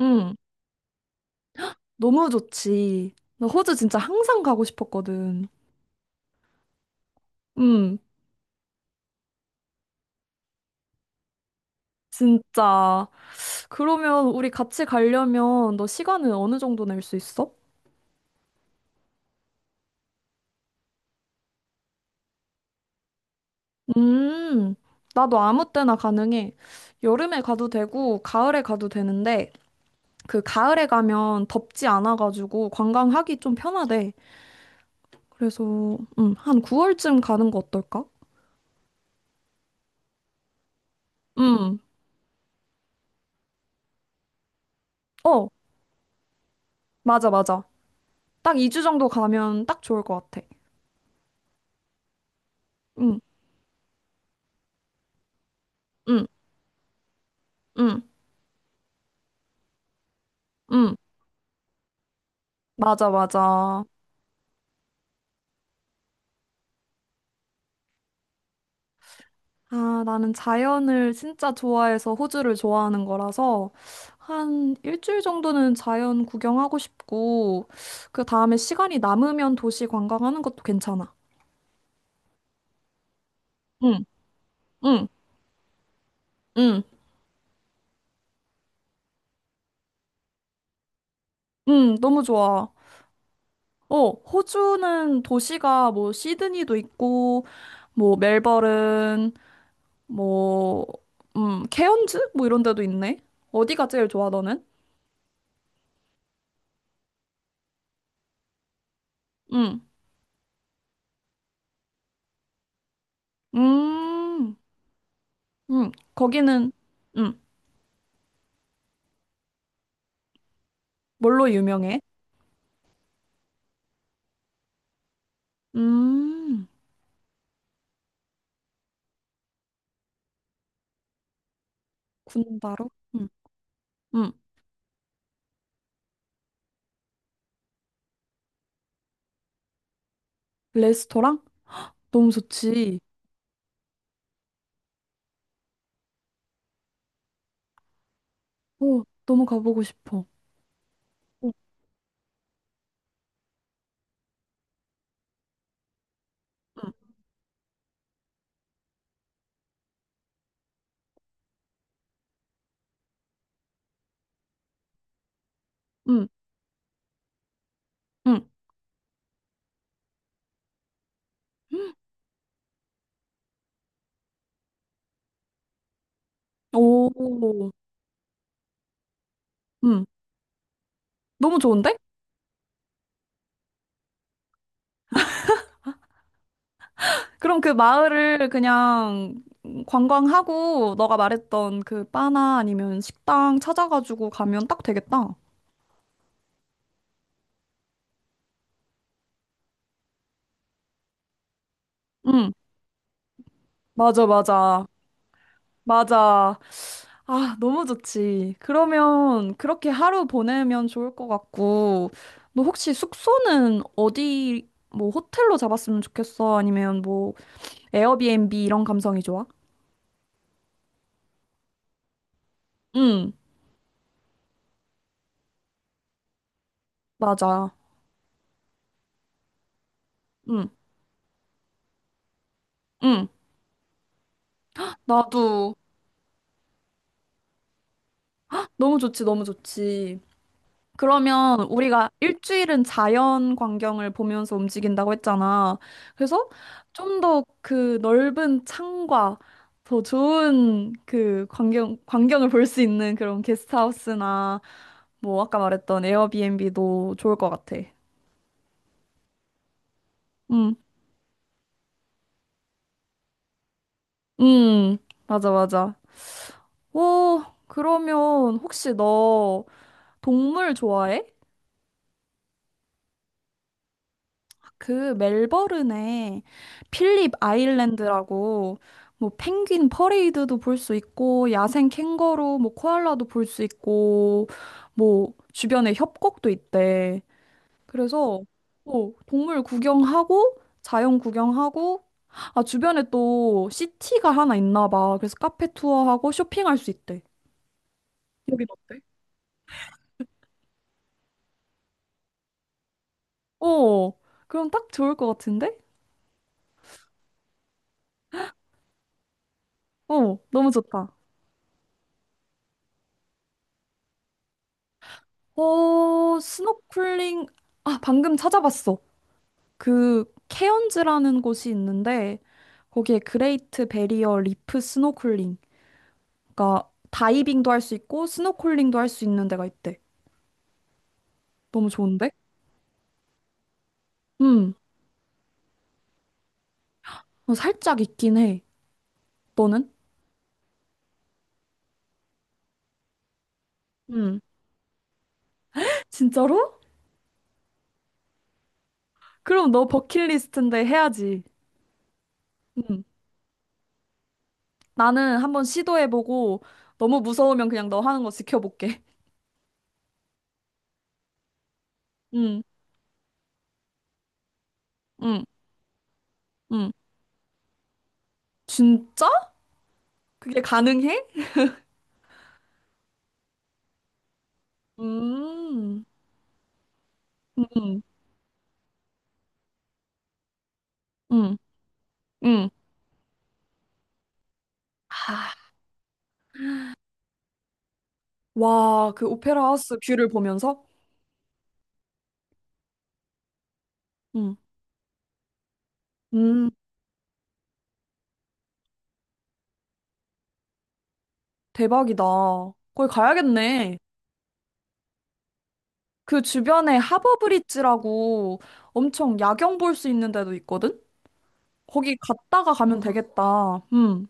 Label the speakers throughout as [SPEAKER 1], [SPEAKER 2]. [SPEAKER 1] 응, 너무 좋지. 나 호주 진짜 항상 가고 싶었거든. 응, 진짜. 그러면 우리 같이 가려면 너 시간은 어느 정도 낼 수 있어? 음, 나도 아무 때나 가능해. 여름에 가도 되고, 가을에 가도 되는데, 그 가을에 가면 덥지 않아가지고 관광하기 좀 편하대. 그래서, 한 9월쯤 가는 거 어떨까? 음, 어, 맞아, 맞아. 딱 2주 정도 가면 딱 좋을 것 같아. 응, 응, 응. 응. 맞아, 맞아. 아, 나는 자연을 진짜 좋아해서 호주를 좋아하는 거라서 한 일주일 정도는 자연 구경하고 싶고 그 다음에 시간이 남으면 도시 관광하는 것도 괜찮아. 응, 응, 응, 응, 너무 좋아. 어, 호주는 도시가 뭐 시드니도 있고 뭐 멜버른 뭐 케언즈 뭐 이런 데도 있네. 어디가 제일 좋아 너는? 응. 음. 음. 거기는 응. 뭘로 유명해? 음, 군바로? 응, 응. 레스토랑? 너무 좋지. 오, 너무 가보고 싶어. 오, 응, 응, 응. 오, 응. 너무 좋은데? 그럼 그 마을을 그냥 관광하고 너가 말했던 그 바나 아니면 식당 찾아가지고 가면 딱 되겠다. 응, 맞아, 맞아. 맞아. 아, 너무 좋지. 그러면 그렇게 하루 보내면 좋을 것 같고, 너 혹시 숙소는 어디, 뭐 호텔로 잡았으면 좋겠어? 아니면 뭐 에어비앤비 이런 감성이 좋아? 응, 맞아. 응, 응. 나도 너무 좋지, 너무 좋지. 그러면 우리가 일주일은 자연 광경을 보면서 움직인다고 했잖아. 그래서 좀 더 그 넓은 창과 더 좋은 그 광경, 광경을 볼 수 있는 그런 게스트하우스나 뭐 아까 말했던 에어비앤비도 좋을 것 같아. 응, 응, 맞아, 맞아. 오, 그러면 혹시 너 동물 좋아해? 그 멜버른에 필립 아일랜드라고 뭐 펭귄 퍼레이드도 볼 수 있고 야생 캥거루 뭐 코알라도 볼 수 있고 뭐 주변에 협곡도 있대. 그래서 뭐 동물 구경하고 자연 구경하고 아 주변에 또 시티가 하나 있나 봐. 그래서 카페 투어하고 쇼핑할 수 있대. 여긴 어때? 어. 그럼 딱 좋을 것 같은데? 어, 너무 좋다. 어, 스노클링, 아, 방금 찾아봤어. 그, 케언즈라는 곳이 있는데, 거기에 그레이트 베리어 리프 스노클링. 그러니까, 다이빙도 할 수 있고, 스노클링도 할 수 있는 데가 있대. 너무 좋은데? 음, 살짝 있긴 해. 너는? 음. 진짜로? 그럼 너 버킷리스트인데 해야지. 음. 나는 한번 시도해보고, 너무 무서우면 그냥 너 하는 거 지켜볼게. 음, 음, 음. 진짜? 그게 가능해? 음, 음, 음, 음. 하, 와, 그 오페라 하우스 뷰를 보면서? 음, 음, 대박이다. 거기 가야겠네. 그 주변에 하버 브릿지라고 엄청 야경 볼 수 있는 데도 있거든? 거기 갔다가 가면 되겠다.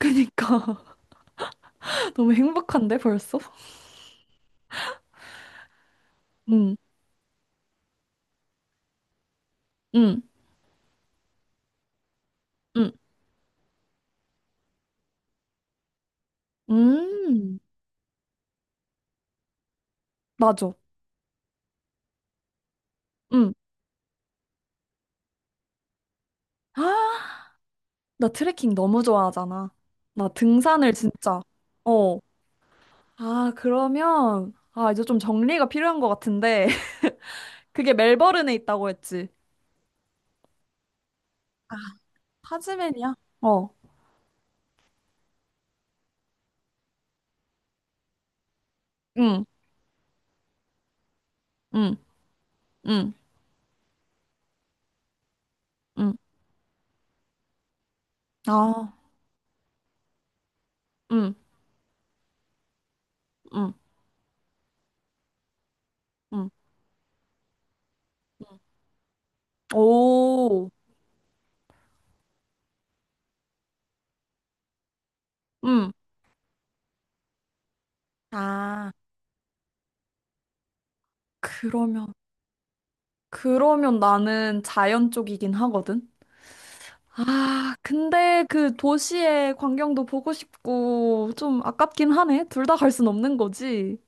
[SPEAKER 1] 그니까. 너무 행복한데, 벌써? 음, 음, 음, 음. 맞아. 음. 아, 나 트레킹 너무 좋아하잖아. 나 등산을 진짜. 어. 아, 그러면, 아, 이제 좀 정리가 필요한 것 같은데. 그게 멜버른에 있다고 했지. 아, 타즈맨이야? 어, 응, 응, 응, 응. 아, 응, 응, 응. 오, 응. 아, 그러면, 그러면 나는 자연 쪽이긴 하거든? 아, 근데 그 도시의 광경도 보고 싶고, 좀 아깝긴 하네. 둘 다 갈 순 없는 거지.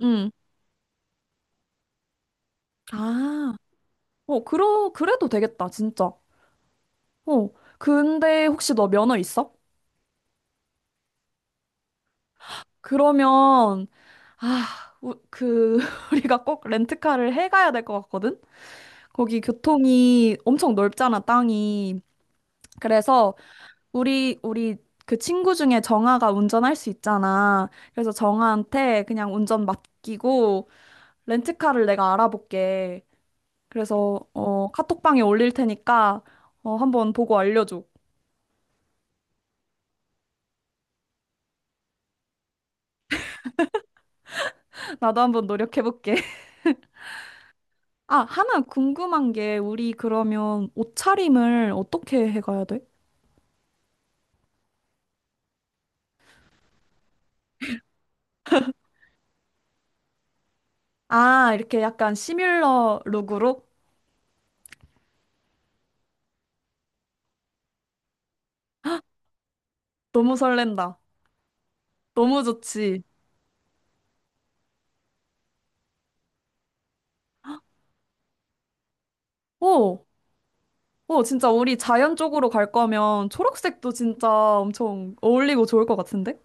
[SPEAKER 1] 응. 아, 그래도 되겠다, 진짜. 어, 근데 혹시 너 면허 있어? 그러면, 아, 우리가 꼭 렌트카를 해가야 될 것 같거든? 거기 교통이 엄청 넓잖아, 땅이. 그래서, 우리 그 친구 중에 정아가 운전할 수 있잖아. 그래서 정아한테 그냥 운전 맡기고, 렌트카를 내가 알아볼게. 그래서, 카톡방에 올릴 테니까, 한번 보고 알려줘. 나도 한번 노력해볼게. 아, 하나 궁금한 게 우리 그러면 옷차림을 어떻게 해가야 돼? 아, 이렇게 약간 시뮬러 룩으로? 너무 설렌다. 너무 좋지. 오, 오, 진짜 우리 자연 쪽으로 갈 거면 초록색도 진짜 엄청 어울리고 좋을 것 같은데?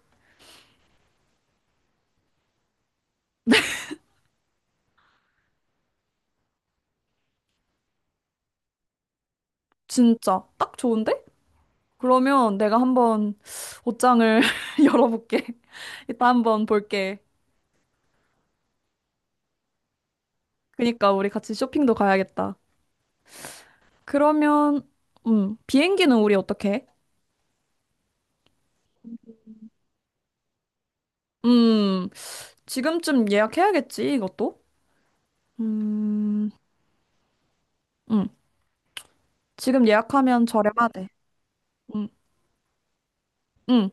[SPEAKER 1] 진짜 딱 좋은데? 그러면 내가 한번 옷장을 열어볼게. 이따 한번 볼게. 그니까 우리 같이 쇼핑도 가야겠다. 그러면, 비행기는 우리 어떻게 해? 음. 지금쯤 예약해야겠지, 이것도? 음, 응. 지금 예약하면 저렴하대. 응, 응.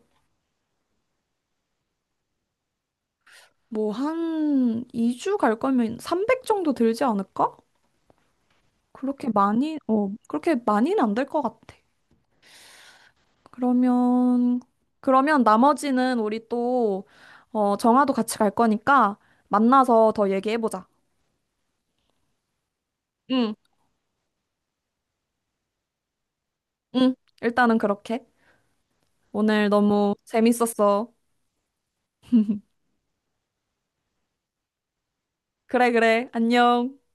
[SPEAKER 1] 뭐, 한 2주 갈 거면 300 정도 들지 않을까? 그렇게 많이는 안 될 것 같아. 그러면, 그러면, 나머지는 우리 또, 정아도 같이 갈 거니까 만나서 더 얘기해보자. 응, 응. 일단은 그렇게. 오늘 너무 재밌었어. 그래, 그래. 안녕.